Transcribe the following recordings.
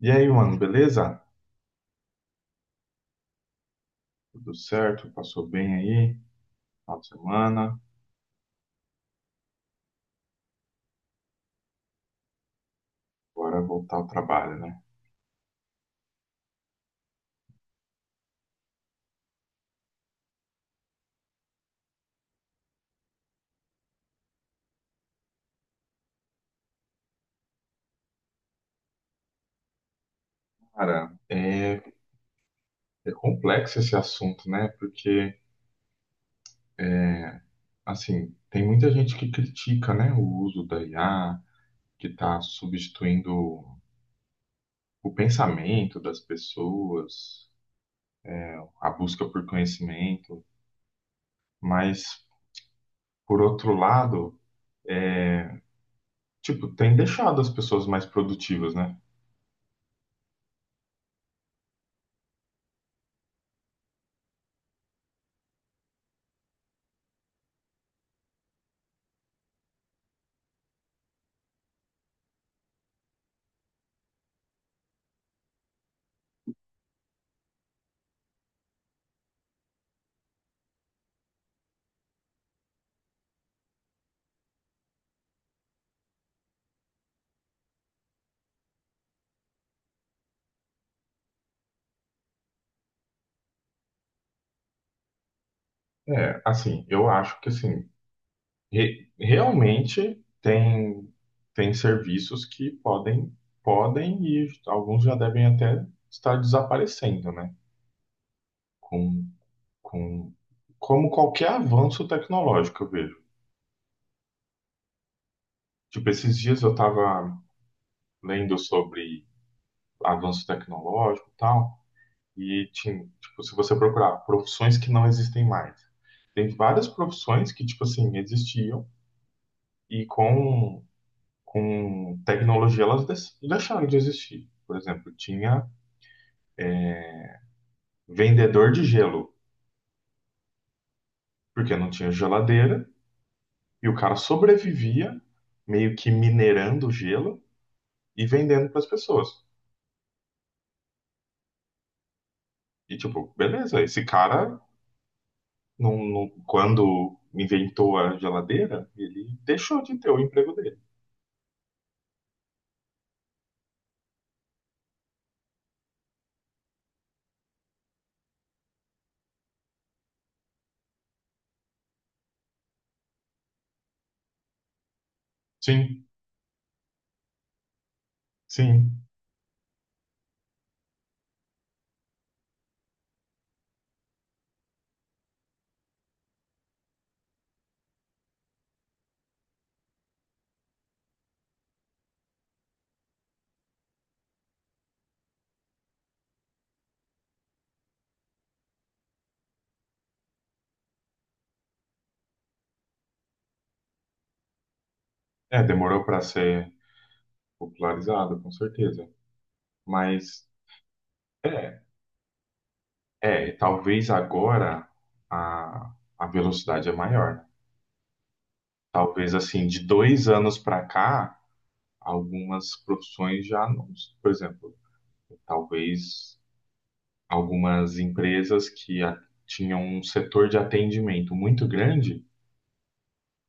E aí, mano, beleza? Tudo certo? Passou bem aí? Final de semana? Agora é voltar ao trabalho, né? Cara, é complexo esse assunto, né? Porque, assim, tem muita gente que critica, né, o uso da IA, que está substituindo o pensamento das pessoas, a busca por conhecimento. Mas, por outro lado, tipo, tem deixado as pessoas mais produtivas, né? É, assim, eu acho que, assim, realmente tem serviços que podem e alguns já devem até estar desaparecendo, né? Com, com, como qualquer avanço tecnológico, eu vejo. Tipo, esses dias eu estava lendo sobre avanço tecnológico e tal, e tinha, tipo, se você procurar profissões que não existem mais, tem várias profissões que, tipo assim, existiam e com tecnologia, elas deixaram de existir. Por exemplo, tinha vendedor de gelo, porque não tinha geladeira, e o cara sobrevivia meio que minerando o gelo e vendendo para as pessoas. E tipo, beleza, esse cara, quando inventou a geladeira, ele deixou de ter o emprego dele. Sim, sim. É, demorou para ser popularizado, com certeza. Mas, é, talvez agora a velocidade é maior, né? Talvez assim, de 2 anos para cá, algumas profissões já não. Por exemplo, talvez algumas empresas tinham um setor de atendimento muito grande,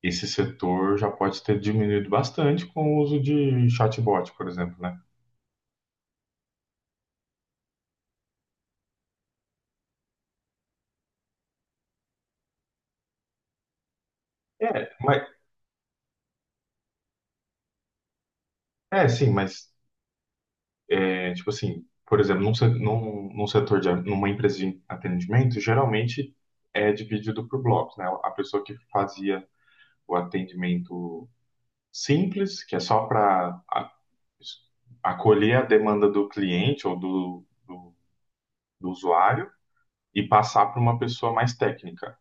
esse setor já pode ter diminuído bastante com o uso de chatbot, por exemplo, né? É, mas, é sim, mas é, tipo assim, por exemplo, num, se- num, num setor de, numa empresa de atendimento, geralmente é dividido por blocos, né? A pessoa que fazia o atendimento simples, que é só para acolher a demanda do cliente ou do usuário e passar para uma pessoa mais técnica.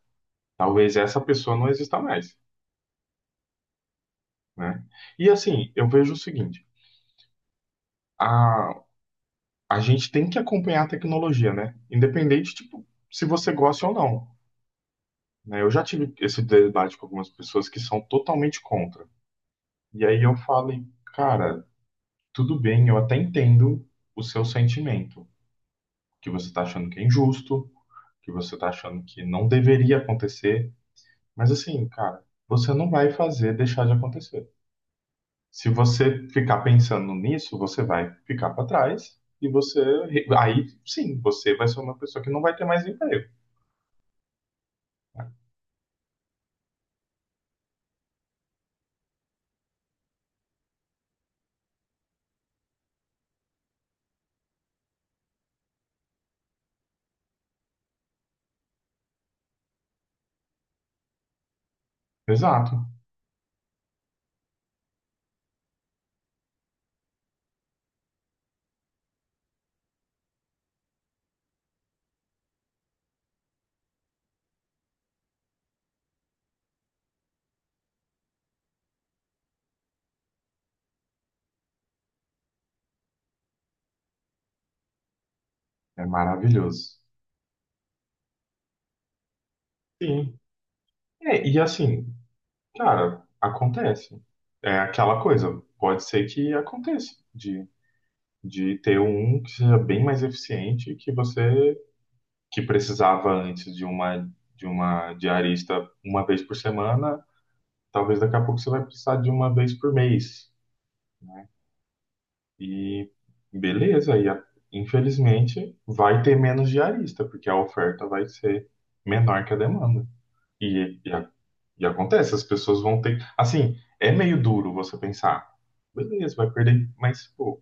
Talvez essa pessoa não exista mais, né? E assim, eu vejo o seguinte, a, a gente tem que acompanhar a tecnologia, né? Independente, tipo, se você gosta ou não, né? Eu já tive esse debate com algumas pessoas que são totalmente contra. E aí eu falei, cara, tudo bem, eu até entendo o seu sentimento, que você tá achando que é injusto, que você tá achando que não deveria acontecer, mas assim, cara, você não vai fazer deixar de acontecer. Se você ficar pensando nisso, você vai ficar para trás e você aí sim, você vai ser uma pessoa que não vai ter mais emprego. Exato. É maravilhoso. Sim. É, e assim, cara, acontece. É aquela coisa. Pode ser que aconteça de ter um que seja bem mais eficiente que você que precisava antes de uma diarista uma vez por semana. Talvez daqui a pouco você vai precisar de uma vez por mês. E beleza, infelizmente vai ter menos diarista, porque a oferta vai ser menor que a demanda. E, e a- E acontece, as pessoas vão ter. Assim, é meio duro você pensar, beleza, vai perder, mas, pô,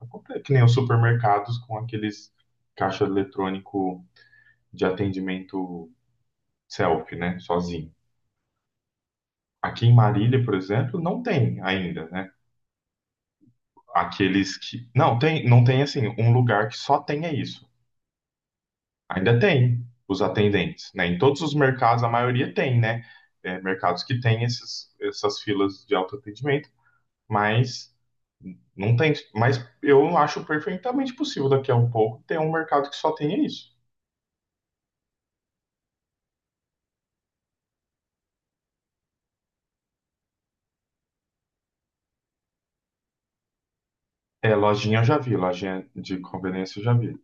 acontece. Que nem os supermercados com aqueles caixa eletrônico de atendimento self, né? Sozinho. Aqui em Marília, por exemplo, não tem ainda, né? Aqueles que. Não, tem, não tem assim, um lugar que só tenha isso. Ainda tem os atendentes, né? Em todos os mercados, a maioria tem, né? É, mercados que tem esses, essas filas de autoatendimento, mas não tem, mas eu acho perfeitamente possível daqui a um pouco ter um mercado que só tenha isso. É, lojinha eu já vi, lojinha de conveniência eu já vi.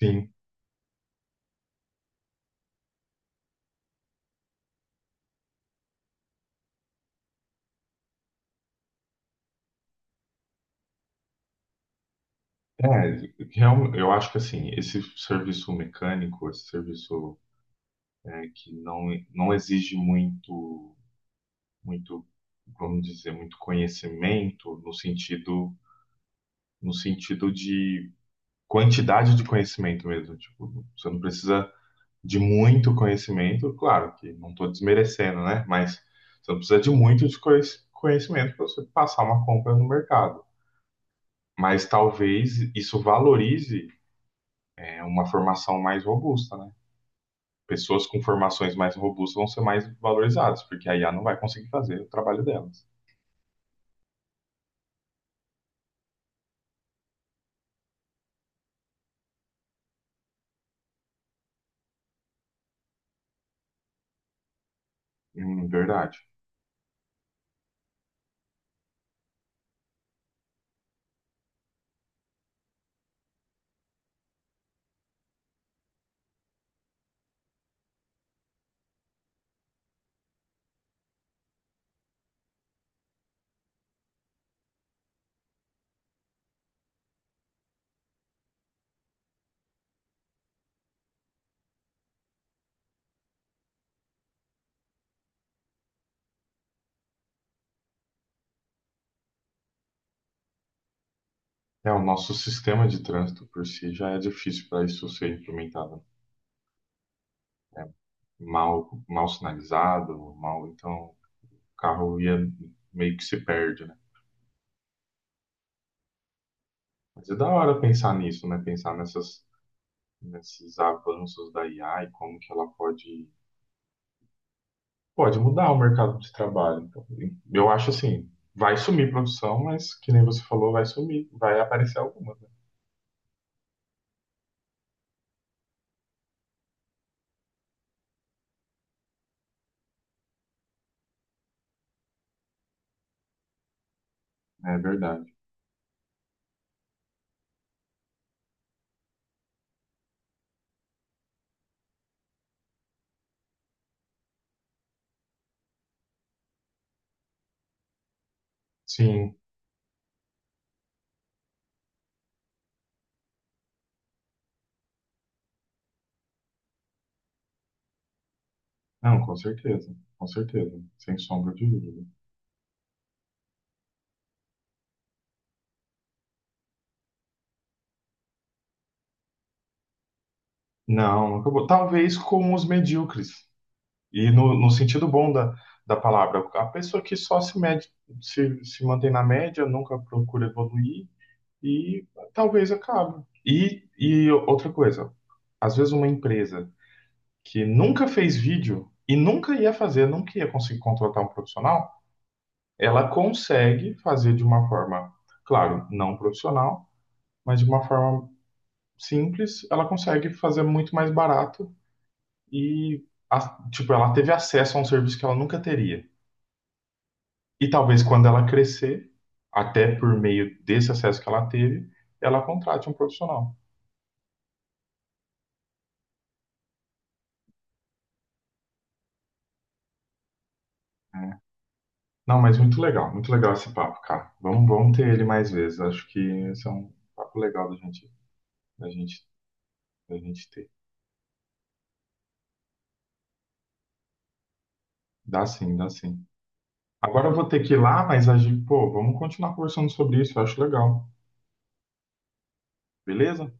Sim, é, eu acho que assim, esse serviço mecânico, esse serviço é, que não exige muito, muito, vamos dizer, muito conhecimento no sentido, no sentido de quantidade de conhecimento mesmo. Tipo, você não precisa de muito conhecimento, claro que não estou desmerecendo, né? Mas você não precisa de muito de conhecimento para você passar uma compra no mercado. Mas talvez isso valorize, né, uma formação mais robusta, né? Pessoas com formações mais robustas vão ser mais valorizadas, porque a IA não vai conseguir fazer o trabalho delas. Verdade. É, o nosso sistema de trânsito por si já é difícil para isso ser implementado. É mal, mal sinalizado, mal, então o carro ia meio que se perde, né? Mas é da hora pensar nisso, né? Pensar nessas, nesses avanços da IA e como que ela pode mudar o mercado de trabalho. Então, eu acho assim, vai sumir produção, mas que nem você falou, vai sumir, vai aparecer alguma, né? É verdade. Sim, não, com certeza, sem sombra de dúvida. Não, acabou. Talvez com os medíocres. E no sentido bom da palavra, a pessoa que só se mede, se mantém na média, nunca procura evoluir e talvez acabe. E outra coisa, às vezes uma empresa que nunca fez vídeo e nunca ia fazer, nunca ia conseguir contratar um profissional, ela consegue fazer de uma forma, claro, não profissional, mas de uma forma simples, ela consegue fazer muito mais barato e a- tipo, ela teve acesso a um serviço que ela nunca teria. E talvez quando ela crescer, até por meio desse acesso que ela teve, ela contrate um profissional. Não, mas muito legal esse papo, cara. Vamos ter ele mais vezes. Acho que esse é um papo legal da gente, da gente ter. Dá sim, dá sim. Agora eu vou ter que ir lá, mas a gente, pô, vamos continuar conversando sobre isso. Eu acho legal. Beleza?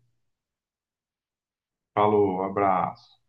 Falou, abraço.